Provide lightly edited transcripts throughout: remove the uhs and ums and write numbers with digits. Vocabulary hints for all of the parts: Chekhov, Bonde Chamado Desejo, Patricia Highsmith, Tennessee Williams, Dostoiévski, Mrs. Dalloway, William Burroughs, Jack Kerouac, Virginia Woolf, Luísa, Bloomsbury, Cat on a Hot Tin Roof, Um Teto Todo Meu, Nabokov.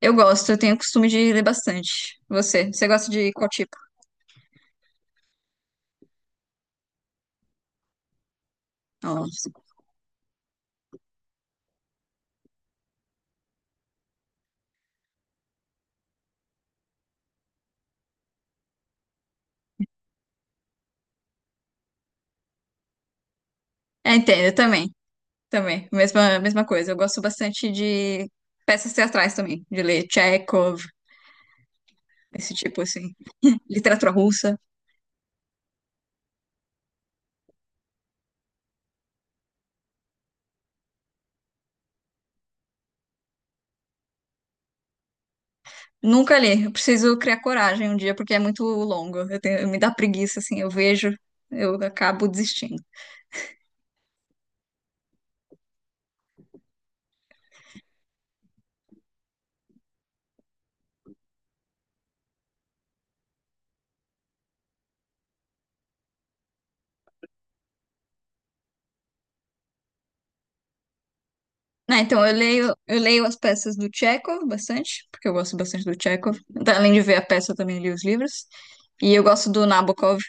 Eu gosto, eu tenho o costume de ler bastante. Você, você gosta de qual tipo? Nossa. É, entendo, eu também, também. Mesma coisa. Eu gosto bastante de peças teatrais também, de ler Chekhov, esse tipo assim, literatura russa. Nunca li. Eu preciso criar coragem um dia porque é muito longo. Eu tenho, me dá preguiça assim, eu vejo, eu acabo desistindo. Ah, então eu leio as peças do Chekhov bastante, porque eu gosto bastante do Chekhov. Então, além de ver a peça, eu também li os livros. E eu gosto do Nabokov.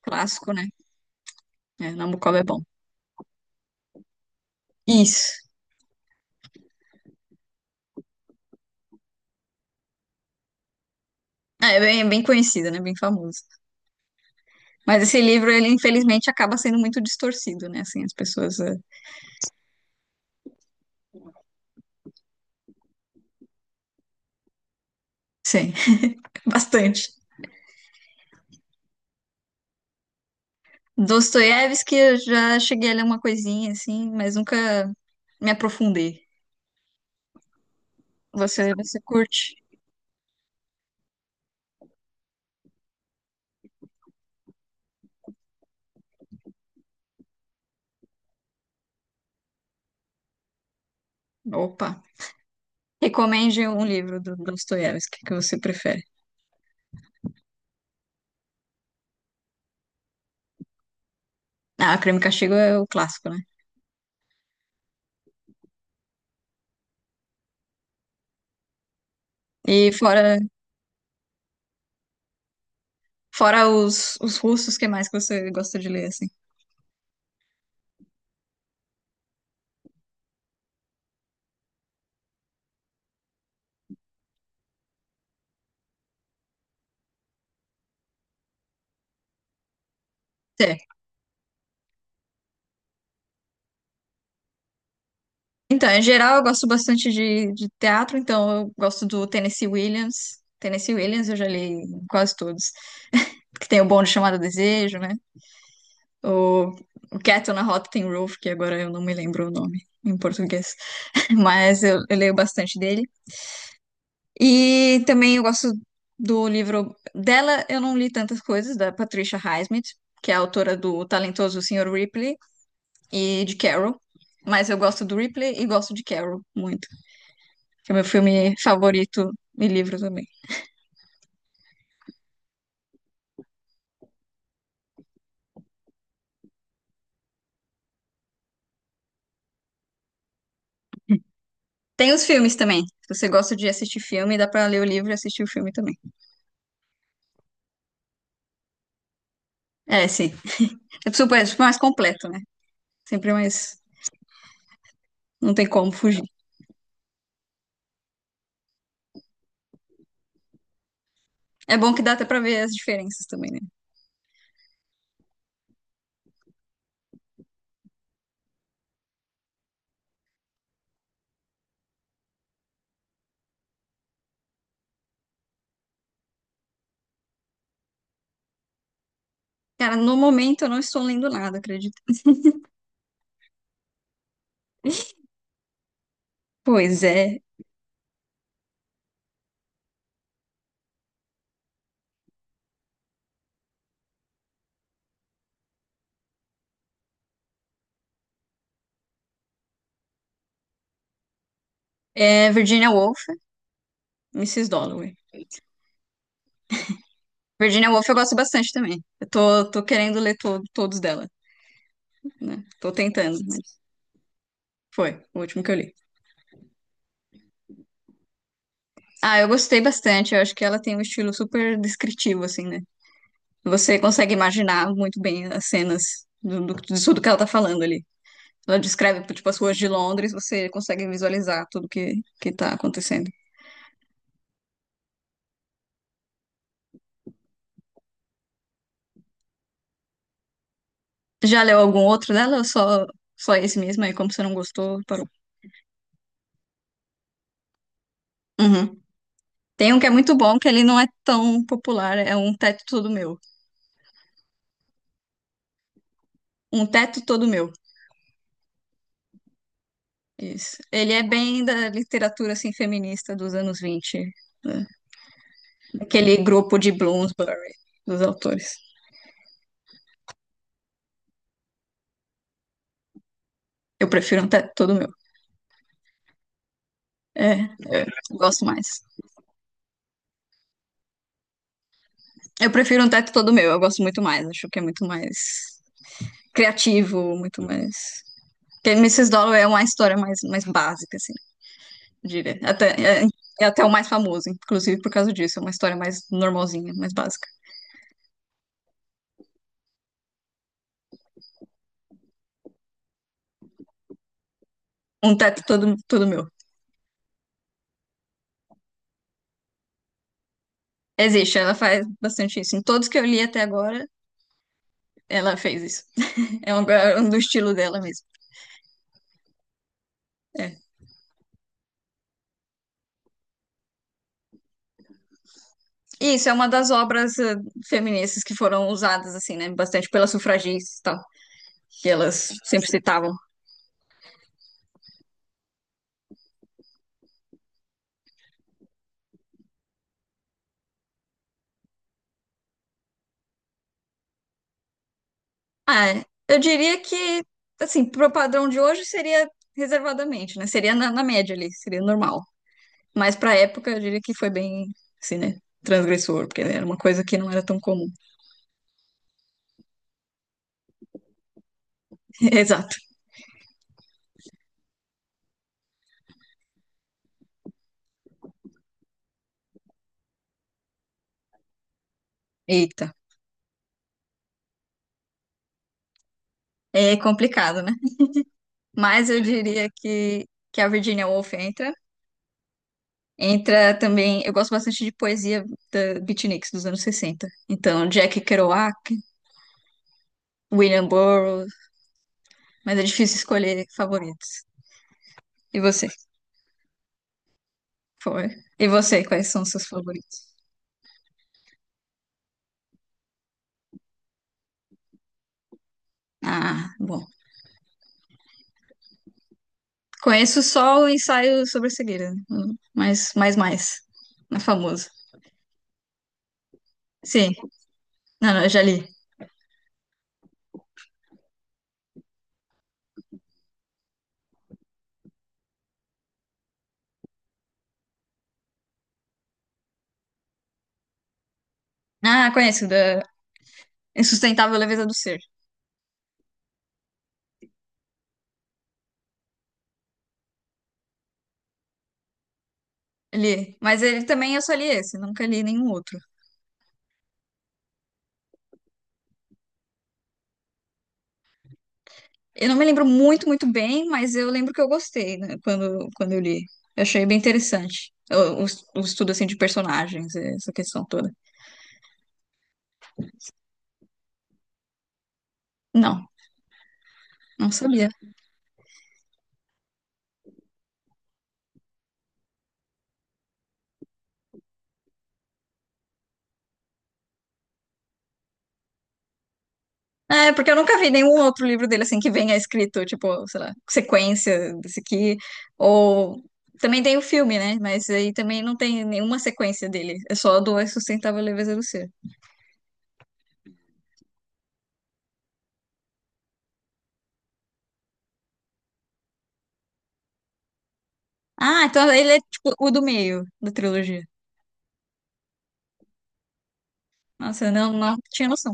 Clássico, né? É, Nabucco é bom. Isso. Ah, é bem, é bem conhecido, né? Bem famoso. Mas esse livro, ele infelizmente acaba sendo muito distorcido, né? Assim, as pessoas. Sim, bastante. Dostoiévski, eu já cheguei a ler uma coisinha, assim, mas nunca me aprofundei. Você curte? Opa. Recomende um livro do Dostoiévski que você prefere. Ah, Crime e Castigo é o clássico, né? E fora, fora os russos, que mais que você gosta de ler, assim? Então, em geral, eu gosto bastante de teatro, então eu gosto do Tennessee Williams. Tennessee Williams eu já li quase todos. Que tem o Bonde Chamado Desejo, né? O, o Cat on a Hot Tin Roof, que agora eu não me lembro o nome em português. Mas eu leio bastante dele. E também eu gosto do livro dela, eu não li tantas coisas, da Patricia Highsmith, que é a autora do talentoso senhor Ripley e de Carol. Mas eu gosto do Ripley e gosto de Carol muito. Que é meu filme favorito e livro também. Tem os filmes também. Se você gosta de assistir filme, dá pra ler o livro e assistir o filme também. É, sim. É super mais completo, né? Sempre mais. Não tem como fugir. É bom que dá até pra ver as diferenças também, né? Cara, no momento eu não estou lendo nada, acredito. Pois é. É Virginia Woolf, Mrs. Dalloway. Virginia Woolf eu gosto bastante também. Eu tô querendo ler to todos dela, né? Tô tentando, mas foi o último que eu li. Ah, eu gostei bastante. Eu acho que ela tem um estilo super descritivo, assim, né? Você consegue imaginar muito bem as cenas de tudo que ela tá falando ali. Ela descreve, tipo, as ruas de Londres, você consegue visualizar tudo que tá acontecendo. Já leu algum outro dela ou só, só esse mesmo aí? Como você não gostou, parou. Uhum. Tem um que é muito bom, que ele não é tão popular, é Um Teto Todo Meu. Um Teto Todo Meu. Isso. Ele é bem da literatura, assim, feminista dos anos 20, né? Aquele grupo de Bloomsbury, dos autores. Eu prefiro Um Teto Todo Meu. É, gosto mais. Eu prefiro um teto todo meu, eu gosto muito mais, acho que é muito mais criativo, muito mais. Porque Mrs. Dollar é uma história mais, mais básica, assim, eu diria. Até, é, é até o mais famoso, inclusive por causa disso, é uma história mais normalzinha, mais básica. Um teto todo, todo meu. Existe, ela faz bastante isso. Em todos que eu li até agora, ela fez isso. É um do estilo dela mesmo. É. E isso é uma das obras feministas que foram usadas, assim, né, bastante pelas sufragistas e tal, que elas sempre citavam. Ah, eu diria que, assim, pro padrão de hoje seria reservadamente, né? Seria na, na média ali, seria normal. Mas pra época eu diria que foi bem, assim, né? Transgressor, porque era uma coisa que não era tão comum. Exato. Eita. É complicado, né? Mas eu diria que a Virginia Woolf entra. Entra também, eu gosto bastante de poesia da Beatniks dos anos 60. Então, Jack Kerouac, William Burroughs, mas é difícil escolher favoritos. E você? Foi. E você, quais são os seus favoritos? Ah, bom. Conheço só o ensaio sobre a cegueira, mas mais mais, na famoso. Sim, não, não, eu já li. Ah, conheço da Insustentável Leveza do Ser. Li, mas ele também eu só li esse, nunca li nenhum outro. Eu não me lembro muito, muito bem, mas eu lembro que eu gostei, né, quando eu li. Eu achei bem interessante. O estudo assim de personagens, essa questão toda. Não, não sabia. É, porque eu nunca vi nenhum outro livro dele assim que venha escrito, tipo, sei lá, sequência desse aqui. Ou também tem o filme, né? Mas aí também não tem nenhuma sequência dele. É só do A Sustentável Leveza do Ser. Ah, então ele é tipo o do meio da trilogia. Nossa, eu não, não tinha noção.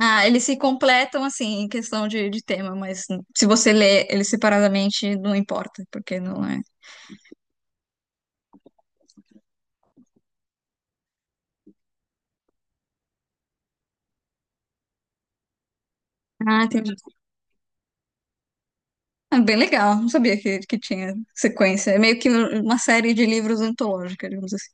Ah, eles se completam assim em questão de tema, mas se você lê eles separadamente, não importa, porque não é. Ah, entendi. Ah, bem legal. Não sabia que tinha sequência. É meio que uma série de livros antológica, digamos assim.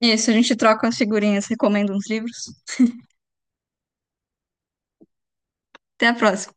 Isso, a gente troca umas figurinhas, recomenda uns livros. Até a próxima.